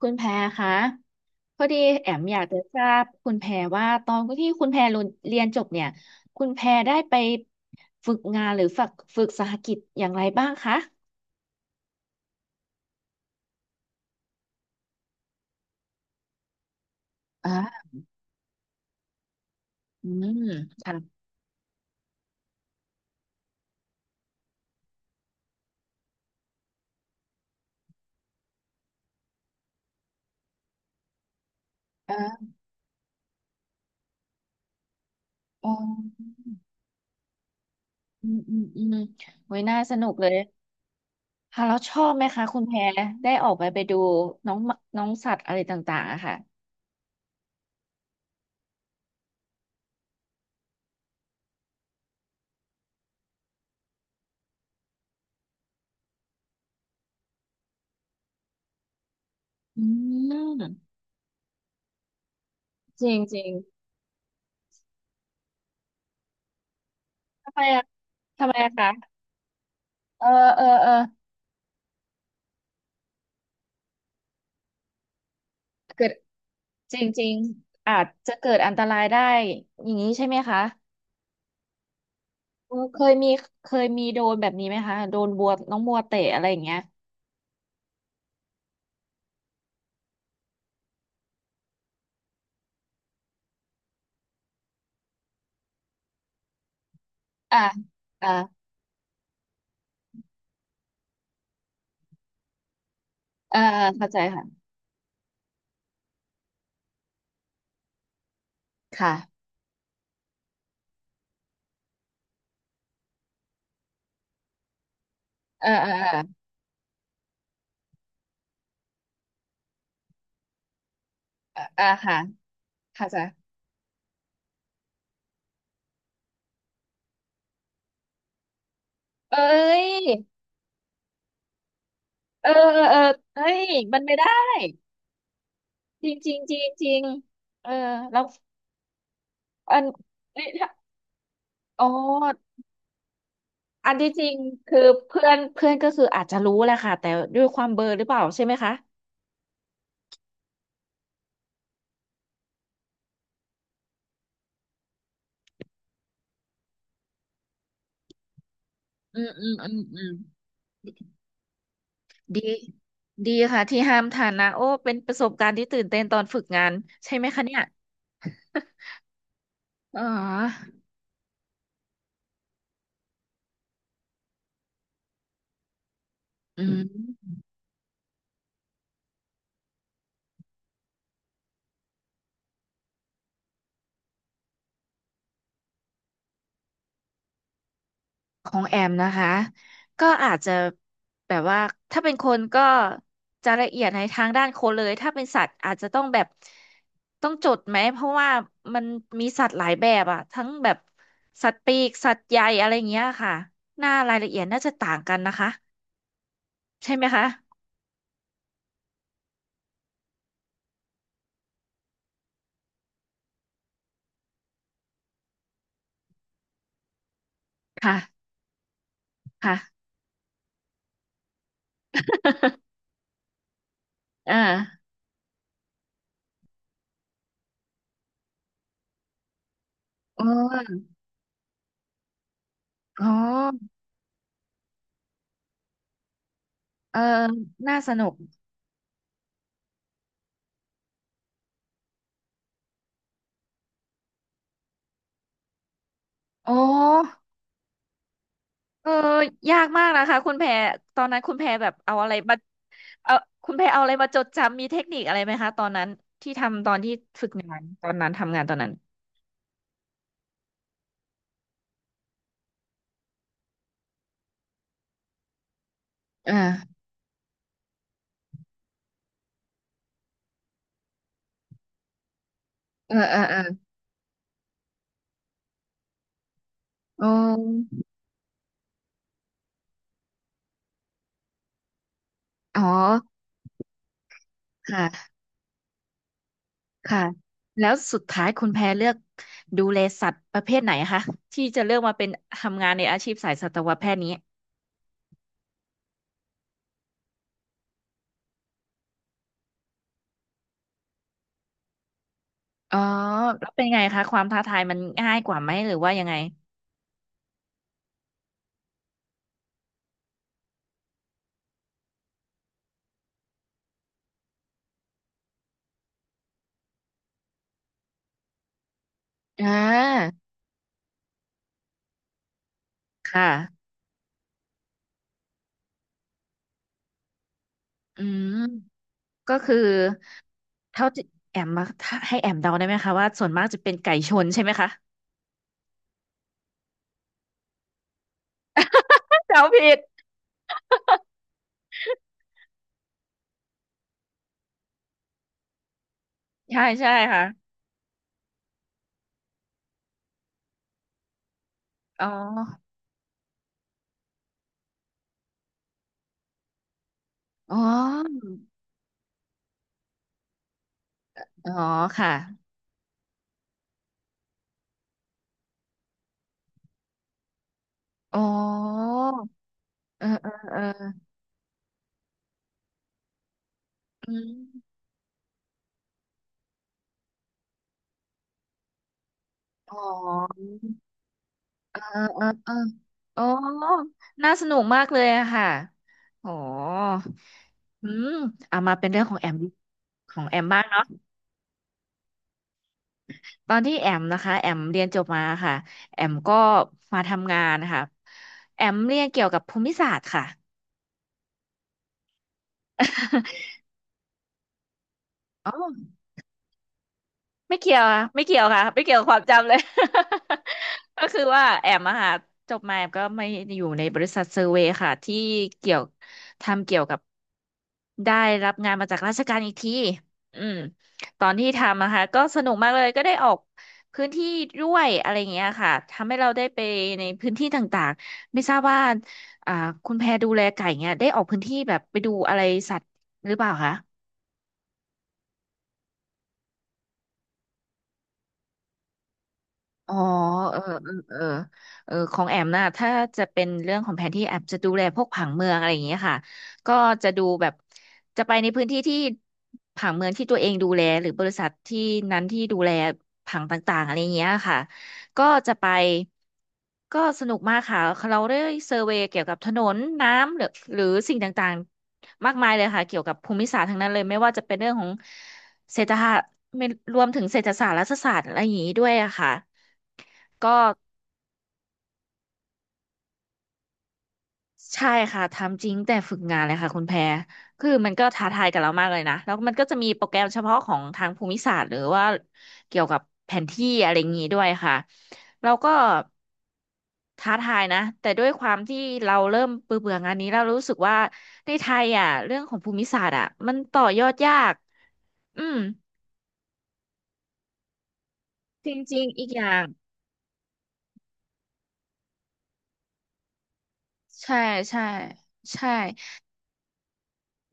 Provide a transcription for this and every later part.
คุณแพรคะพอดีแอมอยากจะทราบคุณแพรว่าตอนที่คุณแพรเรียนจบเนี่ยคุณแพรได้ไปฝึกงานหรือฝึกสหกิจอย่างไรบ้างคะอ่าอืมค่ะอ่าอ่าอืมอืมอืมโอ้ยน่าสนุกเลยค่ะแล้วชอบไหมคะคุณแพรได้ออกไปดูน้องน้องสัตว์อะไรต่างๆอะค่ะอืมจริงจริงทำไมอะทำไมอะคะเออเออเออเกิด จริงๆอาจจะเกิดอันตรายได้อย่างนี้ใช่ไหมคะเออเคยมีโดนแบบนี้ไหมคะโดนบัวน้องบัวเตะอะไรอย่างเงี้ยอ่าอ่าอ่าเข้าใจค่ะค่ะเออเออเออเออค่าค่ะเข้าใจเอ้ยเออเออเออเอ้ยมันไม่ได้จริงจริงจริงจริงเออแล้วอันเอ้ยถ้าอ๋ออันที่จริงคือเพื่อนเพื่อนก็คืออาจจะรู้แหละค่ะแต่ด้วยความเบลอหรือเปล่าใช่ไหมคะอืมอืมอืมอืม ดีดีค่ะที่ห้ามทานนะโอ้เป็นประสบการณ์ที่ตื่นเต้นตอนฝึกงานใช่ไหมคะเนี่ยอ๋ออืมของแอมนะคะก็อาจจะแบบว่าถ้าเป็นคนก็จะละเอียดในทางด้านคนเลยถ้าเป็นสัตว์อาจจะต้องแบบต้องจดไหมเพราะว่ามันมีสัตว์หลายแบบอะทั้งแบบสัตว์ปีกสัตว์ใหญ่อะไรอย่างเงี้ยค่ะหน้ารายละเอียดน่าจะต่างกันนะคะใช่ไหมคะค่ะค่ะ อ่าโอ้ อ๋อเออน่าสนุกอ๋อเออยากมากนะคะคุณแพรตอนนั้นคุณแพรแบบเอาอะไรมาเอาคุณแพรเอาอะไรมาจดจำมีเทคนิคอะไรไหมคะตอนนั้นที่ทำตอนที่ฝึกงานตอนนั้นทำงานตอนนั้นออาเออเออเออโอ้อ๋อค่ะ ค่ะแล้วสุดท้ายคุณแพรเลือกดูแลสัตว์ประเภทไหนคะที่จะเลือกมาเป็นทำงานในอาชีพสายสัตวแพทย์นี้อ๋อแล้วเป็นไงคะความท้าทายมันง่ายกว่าไหมหรือว่ายังไงอ่า ค่ะ อืม ก็คือเท่าที่แอมมาถ้าให้แอมเดาได้ไหมคะว่าส่วนมากจะเป็นไก่ชนใช่ไหมคะ เดาผิด ใช่ใช่ค่ะอ๋ออ๋ออ๋อค่ะอ๋อเออเออเอออืมอ๋อเออเออเอออ๋อน่าสนุกมากเลยอะค่ะ อ๋ออืมเอามาเป็นเรื่องของแอมของแอมบ้างเนาะ ตอนที่แอมนะคะแอมเรียนจบมาค่ะแอมก็มาทำงานค่ะแอมเรียนเกี่ยวกับภูมิศาสตร์ค่ะ อ๋อ ไม่เกี่ยวค่ะไม่เกี่ยวค่ะไม่เกี่ยวกับความจำเลย ก็คือว่าแอมอะค่ะจบมาแอมก็ไม่อยู่ในบริษัทเซอร์เวย์ค่ะที่เกี่ยวทำเกี่ยวกับได้รับงานมาจากราชการอีกทีอืมตอนที่ทำนะคะก็สนุกมากเลยก็ได้ออกพื้นที่ด้วยอะไรอย่างเงี้ยค่ะทำให้เราได้ไปในพื้นที่ต่างๆไม่ทราบว่าอ่าคุณแพรดูแลไก่เงี้ยได้ออกพื้นที่แบบไปดูอะไรสัตว์หรือเปล่าคะ อ๋อเออเออเออเออของแอมนะถ้าจะเป็นเรื่องของแผนที่แอมจะดูแลพวกผังเมืองอะไรอย่างเงี้ยค่ะ ก็จะดูแบบจะไปในพื้นที่ที่ผังเมืองที่ตัวเองดูแลหรือบริษัทที่นั้นที่ดูแลผังต่างๆอะไรอย่างเงี้ยค่ะก็จะไปก็สนุกมากค่ะเราได้เซอร์เวย์เกี่ยวกับถนนน้ำหรือหรือสิ่งต่างๆมากมายเลยค่ะเกี่ยวกับภูมิศาสตร์ทั้งนั้นเลยไม่ว่าจะเป็นเรื่องของเศรษฐศาสตร์ไม่รวมถึงเศรษฐศาสตร์รัฐศาสตร์อะไรอย่างนี้ด้วยอะค่ะ ก็ใช่ค่ะทำจริงแต่ฝึกงานเลยค่ะคุณแพรคือมันก็ท้าทายกับเรามากเลยนะแล้วมันก็จะมีโปรแกรมเฉพาะของทางภูมิศาสตร์หรือว่าเกี่ยวกับแผนที่อะไรอย่างนี้ด้วยค่ะเราก็ท้าทายนะแต่ด้วยความที่เราเริ่มเบื่อเบื่องานนี้เรารู้สึกว่าในไทยอ่ะเรื่องของภูมิศาสตร์อ่ะมันต่อยอดยากอืมจริงๆอีกอย่างใช่ใช่ใช่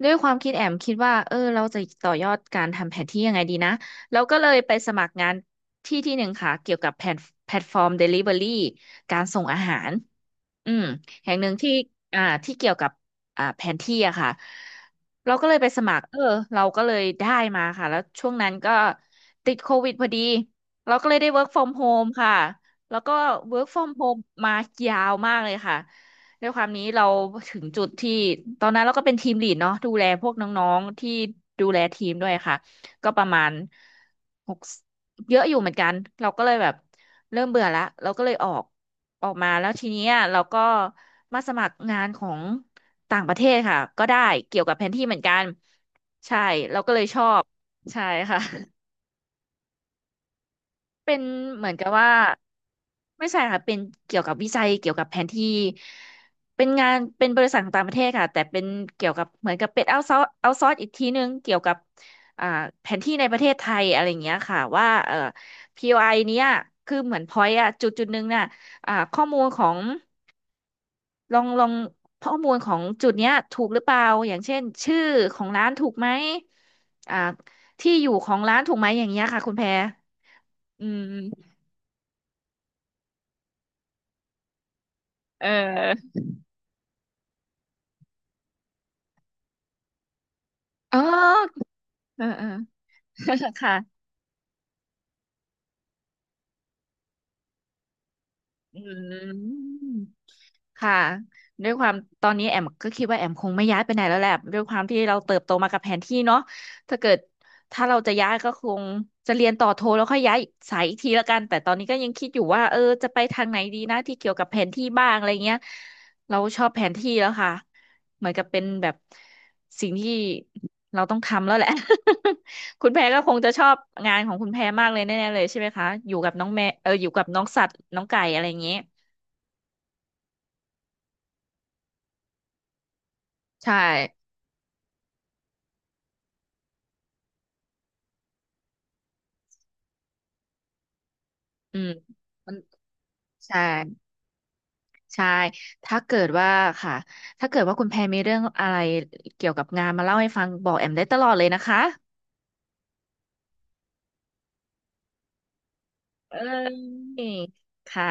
ด้วยความคิดแอมคิดว่าเออเราจะต่อยอดการทำแผนที่ยังไงดีนะแล้วก็เลยไปสมัครงานที่ที่หนึ่งค่ะเกี่ยวกับแพลตฟอร์มเดลิเวอรี่การส่งอาหารอืมแห่งหนึ่งที่ที่เกี่ยวกับแผนที่อะค่ะเราก็เลยไปสมัครเออเราก็เลยได้มาค่ะแล้วช่วงนั้นก็ติดโควิดพอดีเราก็เลยได้ work from home ค่ะแล้วก็ work from home มายาวมากเลยค่ะ ด้วยความนี้เราถึงจุดที่ตอนนั้นเราก็เป็นทีมลีดเนาะดูแลพวกน้องๆที่ดูแลทีมด้วยค่ะก็ประมาณหกเยอะอยู่เหมือนกันเราก็เลยแบบเริ่มเบื่อละเราก็เลยออกมาแล้วทีเนี้ยเราก็มาสมัครงานของต่างประเทศค่ะก็ได้เกี่ยวกับแผนที่เหมือนกันใช่เราก็เลยชอบใช่ค่ะ เป็นเหมือนกับว่าไม่ใช่ค่ะเป็นเกี่ยวกับวิจัยเกี่ยวกับแผนที่เป็นงานเป็นบริษัทของต่างประเทศค่ะแต่เป็นเกี่ยวกับเหมือนกับเป็นเอาซอร์อีกทีนึงเกี่ยวกับอ่าแผนที่ในประเทศไทยอะไรอย่างเงี้ยค่ะว่าPOI เนี้ยคือเหมือนพอยต์อะจุดจุดนึงน่ะข้อมูลของลองข้อมูลของจุดเนี้ยถูกหรือเปล่าอย่างเช่นชื่อของร้านถูกไหมอ่าที่อยู่ของร้านถูกไหมอย่างเงี้ยค่ะคุณแพรอืมเออ อ๋อเออเออ ค่ะ อืม ค่ะด้วยความตอนนี้แอมก็คิดว่าแอมคงไม่ย้ายไปไหนแล้วแหละด้วยความที่เราเติบโตมากับแผนที่เนาะถ้าเกิดถ้าเราจะย้ายก็คงจะเรียนต่อโทแล้วค่อยย้ายสายอีกทีละกันแต่ตอนนี้ก็ยังคิดอยู่ว่าเออจะไปทางไหนดีนะที่เกี่ยวกับแผนที่บ้างอะไรเงี้ยเราชอบแผนที่แล้วค่ะเหมือนกับเป็นแบบสิ่งที่เราต้องทำแล้วแหละ คุณแพรก็คงจะชอบงานของคุณแพรมากเลยแน่ๆเลยใช่ไหมคะอยู่กับน้องแม่เอออยู่กับน้องสัตว์น้องไก่อะไรอย่างเงี้ยใช่ อืมมันใช่ใช่ถ้าเกิดว่าค่ะถ้าเกิดว่าคุณแพรมีเรื่องอะไรเกี่ยวกับงานมาเล่าให้ฟังบอกแอมได้ตลอดเลยนะคะเอ้ยค่ะ